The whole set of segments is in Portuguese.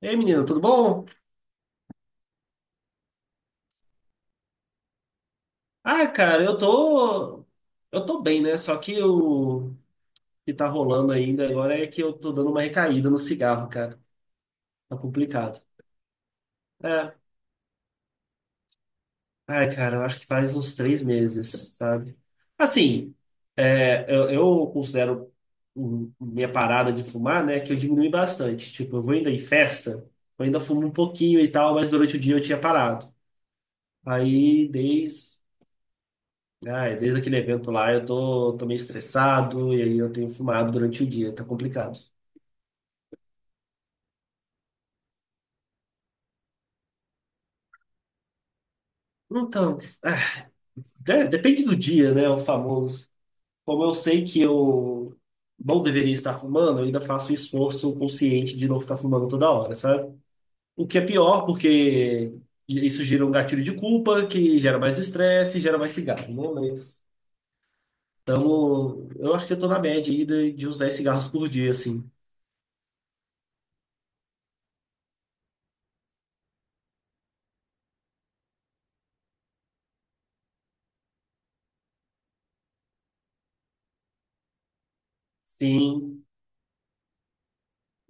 Ei, menino, tudo bom? Ah, cara, eu tô. Eu tô bem, né? Só que o que tá rolando ainda agora é que eu tô dando uma recaída no cigarro, cara. Tá complicado. É. Ai, cara, eu acho que faz uns três meses, sabe? Assim, eu considero minha parada de fumar, né, que eu diminui bastante. Tipo, eu vou ainda em festa, eu ainda fumo um pouquinho e tal, mas durante o dia eu tinha parado. Aí, desde. Ai, desde aquele evento lá eu tô meio estressado e aí eu tenho fumado durante o dia, tá complicado. Então, ah, depende do dia, né? O famoso. Como eu sei que eu não deveria estar fumando, eu ainda faço o esforço consciente de não ficar fumando toda hora, sabe? O que é pior, porque isso gera um gatilho de culpa, que gera mais estresse, gera mais cigarro, né? Mas, então, eu acho que eu tô na média aí de uns 10 cigarros por dia, assim. Sim,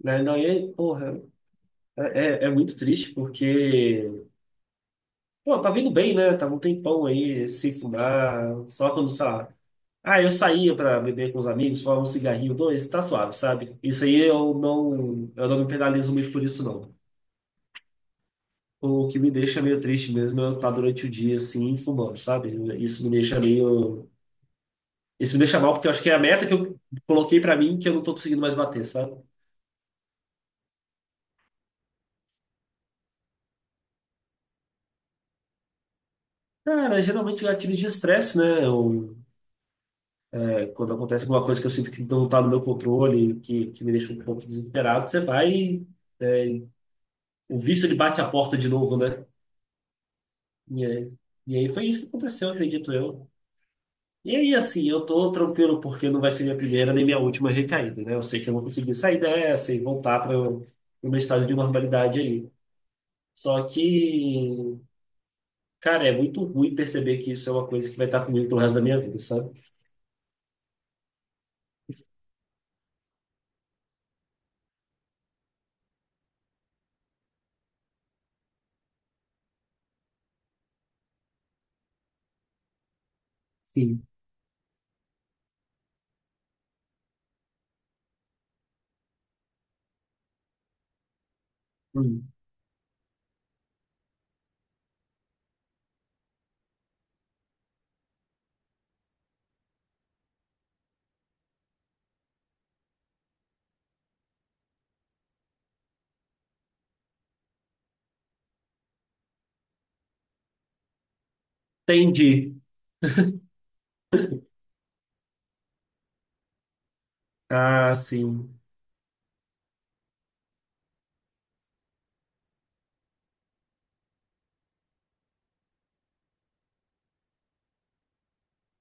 né? Não, e aí, porra. É, é muito triste porque, pô, tá vindo bem, né? Tava um tempão aí sem fumar, só quando, sei lá. Ah, eu saía pra beber com os amigos, fumava um cigarrinho, dois, tá suave, sabe? Isso aí eu não me penalizo muito por isso, não. O que me deixa meio triste mesmo é eu estar durante o dia assim, fumando, sabe? Isso me deixa meio. Isso me deixa mal porque eu acho que é a meta que eu coloquei pra mim que eu não tô conseguindo mais bater, sabe? Cara, geralmente gatilhos de estresse, né? É, quando acontece alguma coisa que eu sinto que não está no meu controle, que me deixa um pouco desesperado, você vai. É, o vício ele bate a porta de novo, né? E, aí- e aí foi isso que aconteceu, acredito eu. E aí, assim, eu tô tranquilo porque não vai ser minha primeira nem minha última recaída, né? Eu sei que eu vou conseguir sair dessa e voltar para o meu estado de normalidade ali. Só que, cara, é muito ruim perceber que isso é uma coisa que vai estar comigo pelo resto da minha vida, sabe? Sim. Hum. Entendi. Ah, sim.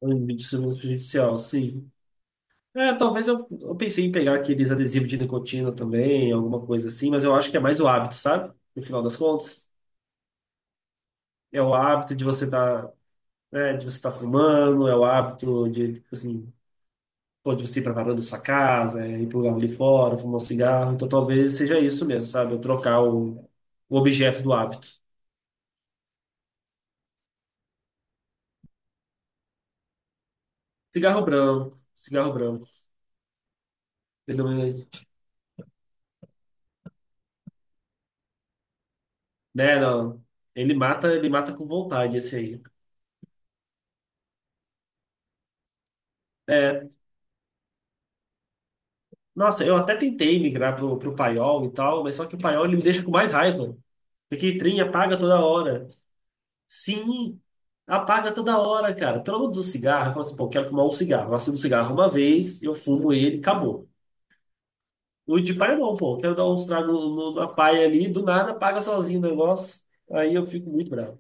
Um vídeo sobre prejudicial, sim. É, talvez eu pensei em pegar aqueles adesivos de nicotina também, alguma coisa assim, mas eu acho que é mais o hábito, sabe? No final das contas. É o hábito de você tá, né, de você tá fumando, é o hábito de, tipo assim, pô, de você ir pra varanda da sua casa, é, ir pro lugar ali fora, fumar um cigarro. Então talvez seja isso mesmo, sabe? Eu trocar o objeto do hábito. Cigarro branco, cigarro branco. Ele não- É. Né, não. Ele mata com vontade esse aí. É. Nossa, eu até tentei migrar pro Paiol e tal, mas só que o Paiol ele me deixa com mais raiva. Porque trem apaga toda hora. Sim, apaga toda hora, cara. Pelo menos o cigarro, eu falo assim, pô, quero fumar um cigarro. Eu acendo um cigarro uma vez, eu fumo ele, acabou. O de paia não, pô, quero dar um tragos na paia ali, do nada apaga sozinho o negócio. Aí eu fico muito bravo.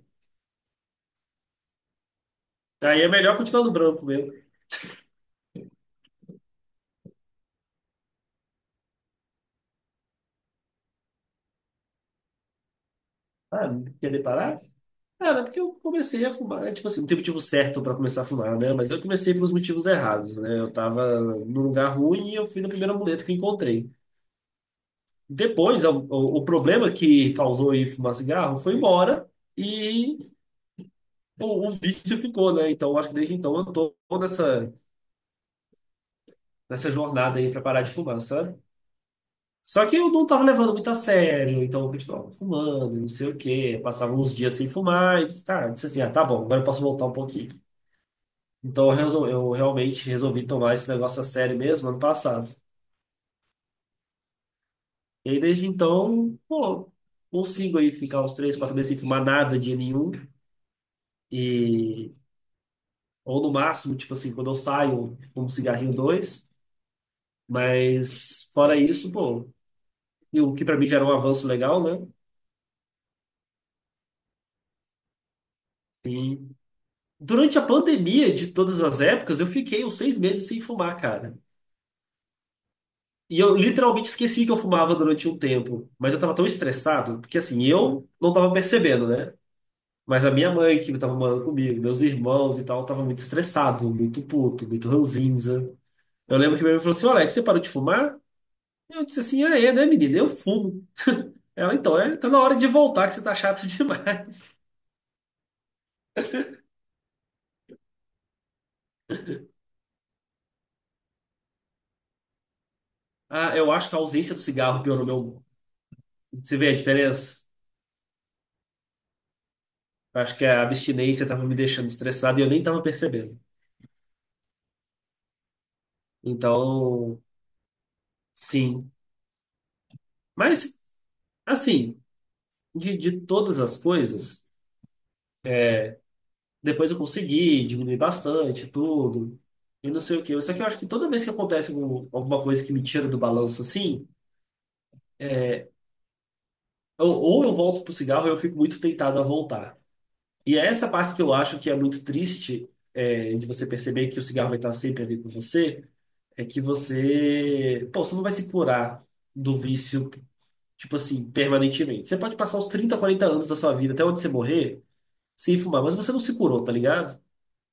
Aí é melhor continuar no branco mesmo. Ah, quer parar? Cara, é porque eu comecei a fumar, né? Tipo assim, não tem motivo certo pra começar a fumar, né? Mas eu comecei pelos motivos errados, né? Eu tava num lugar ruim e eu fui na primeira muleta que eu encontrei. Depois, o problema que causou em fumar cigarro foi embora e o vício ficou, né? Então, eu acho que desde então eu tô nessa, nessa jornada aí pra parar de fumar, sabe? Só que eu não tava levando muito a sério, então eu continuava fumando, e não sei o quê. Passava uns dias sem fumar e disse, tá, eu disse assim, ah, tá bom, agora eu posso voltar um pouquinho. Então eu realmente resolvi tomar esse negócio a sério mesmo ano passado. E aí desde então, pô, consigo aí ficar uns três, quatro meses sem fumar nada dia nenhum. E, ou no máximo, tipo assim, quando eu saio, fumo um cigarrinho dois. Mas fora isso, pô, e o que pra mim já era um avanço legal, né? E durante a pandemia de todas as épocas, eu fiquei uns seis meses sem fumar, cara. E eu literalmente esqueci que eu fumava durante um tempo, mas eu tava tão estressado, porque assim, eu não tava percebendo, né? Mas a minha mãe, que estava morando comigo, meus irmãos e tal, estava muito estressado, muito puto, muito ranzinza. Eu lembro que minha mãe falou assim: "Ô, Alex, você parou de fumar? Eu disse assim: Ah, é, né, menina? Eu fumo. Ela, então, é, tá na hora de voltar, que você tá chato demais. Ah, eu acho que a ausência do cigarro piorou meu. Você vê a diferença? Eu acho que a abstinência estava me deixando estressado e eu nem estava percebendo. Então, sim. Mas, assim, de todas as coisas. Depois eu consegui diminuir bastante tudo. E não sei o quê. Só que eu acho que toda vez que acontece alguma coisa que me tira do balanço assim, ou eu volto pro cigarro ou eu fico muito tentado a voltar. E é essa parte que eu acho que é muito triste, é, de você perceber que o cigarro vai estar sempre ali com você, é que você, pô, você não vai se curar do vício, tipo assim, permanentemente. Você pode passar uns 30, 40 anos da sua vida, até onde você morrer, sem fumar, mas você não se curou, tá ligado?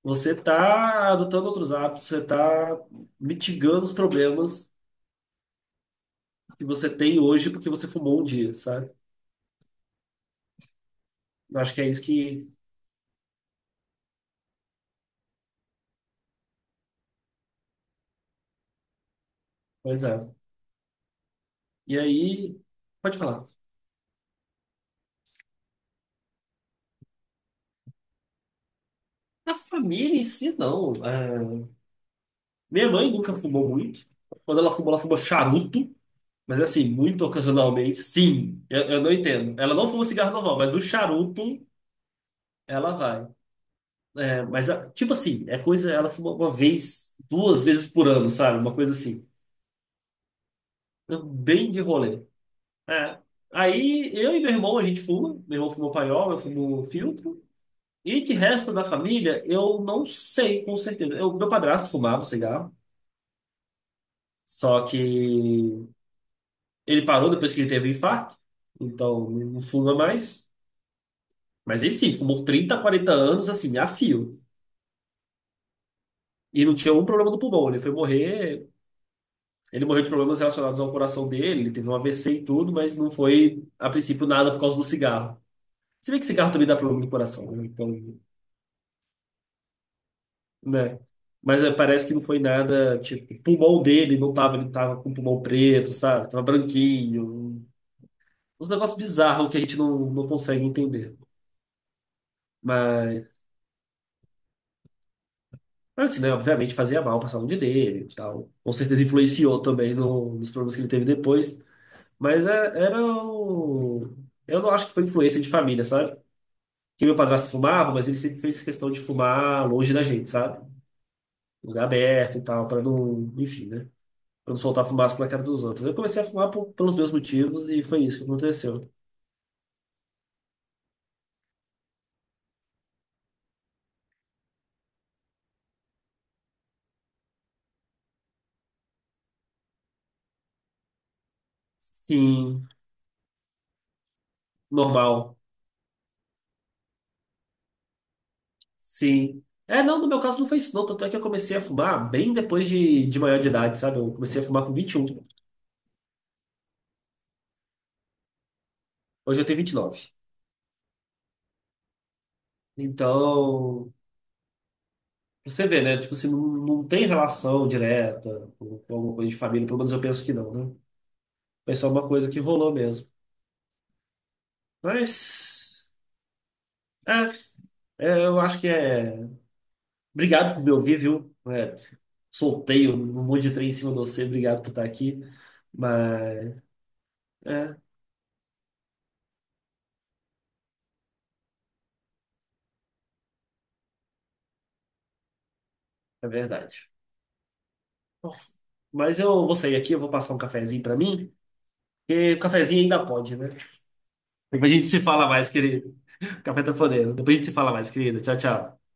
Você está adotando outros hábitos, você está mitigando os problemas que você tem hoje porque você fumou um dia, sabe? Eu acho que é isso que. Pois é. E aí, pode falar. A família em si, não. É, minha mãe nunca fumou muito. Quando ela fumou charuto, mas assim, muito ocasionalmente. Sim, eu não entendo. Ela não fuma cigarro normal, mas o charuto, ela vai. É, mas, tipo assim, é coisa. Ela fuma uma vez, duas vezes por ano, sabe? Uma coisa assim. Bem de rolê. É. Aí eu e meu irmão, a gente fuma. Meu irmão fumou paiol, eu fumo filtro. E de resto da família, eu não sei com certeza. Eu, meu padrasto fumava cigarro, só que ele parou depois que ele teve um infarto, então não fuma mais. Mas ele sim, fumou 30 40 anos assim, a fio. E não tinha um problema do pulmão. Ele foi morrer. Ele morreu de problemas relacionados ao coração dele, ele teve um AVC e tudo, mas não foi, a princípio, nada por causa do cigarro. Se bem que cigarro também dá problema no coração, né? Então. Né? Mas é, parece que não foi nada, tipo, o pulmão dele não tava, ele tava com o pulmão preto, sabe? Tava branquinho. Uns negócios bizarros que a gente não consegue entender. Mas, mas assim, né? Obviamente fazia mal pra saúde dele e tal. Com certeza influenciou também nos problemas que ele teve depois. Mas era o... Eu não acho que foi influência de família, sabe? Que meu padrasto fumava, mas ele sempre fez questão de fumar longe da gente, sabe? Lugar aberto e tal, pra não... Enfim, né? Para não soltar fumaça na cara dos outros. Eu comecei a fumar pelos meus motivos e foi isso que aconteceu. Sim, normal. Sim. É, não, no meu caso não foi isso, não. Tanto é que eu comecei a fumar bem depois de maior de idade, sabe? Eu comecei a fumar com 21. Hoje eu tenho 29. Então, você vê, né? Tipo, assim, não tem relação direta com alguma coisa de família, pelo menos eu penso que não, né? Foi só uma coisa que rolou mesmo. Mas, é, eu acho que é. Obrigado por me ouvir, viu? É, soltei um monte de trem em cima de você, obrigado por estar aqui. Mas é, é verdade. Bom, mas eu vou sair aqui, eu vou passar um cafezinho pra mim, porque o cafezinho ainda pode, né? Depois a gente se fala mais, querido. O café tá fodendo. Depois a gente se fala mais, querida. Tchau, tchau.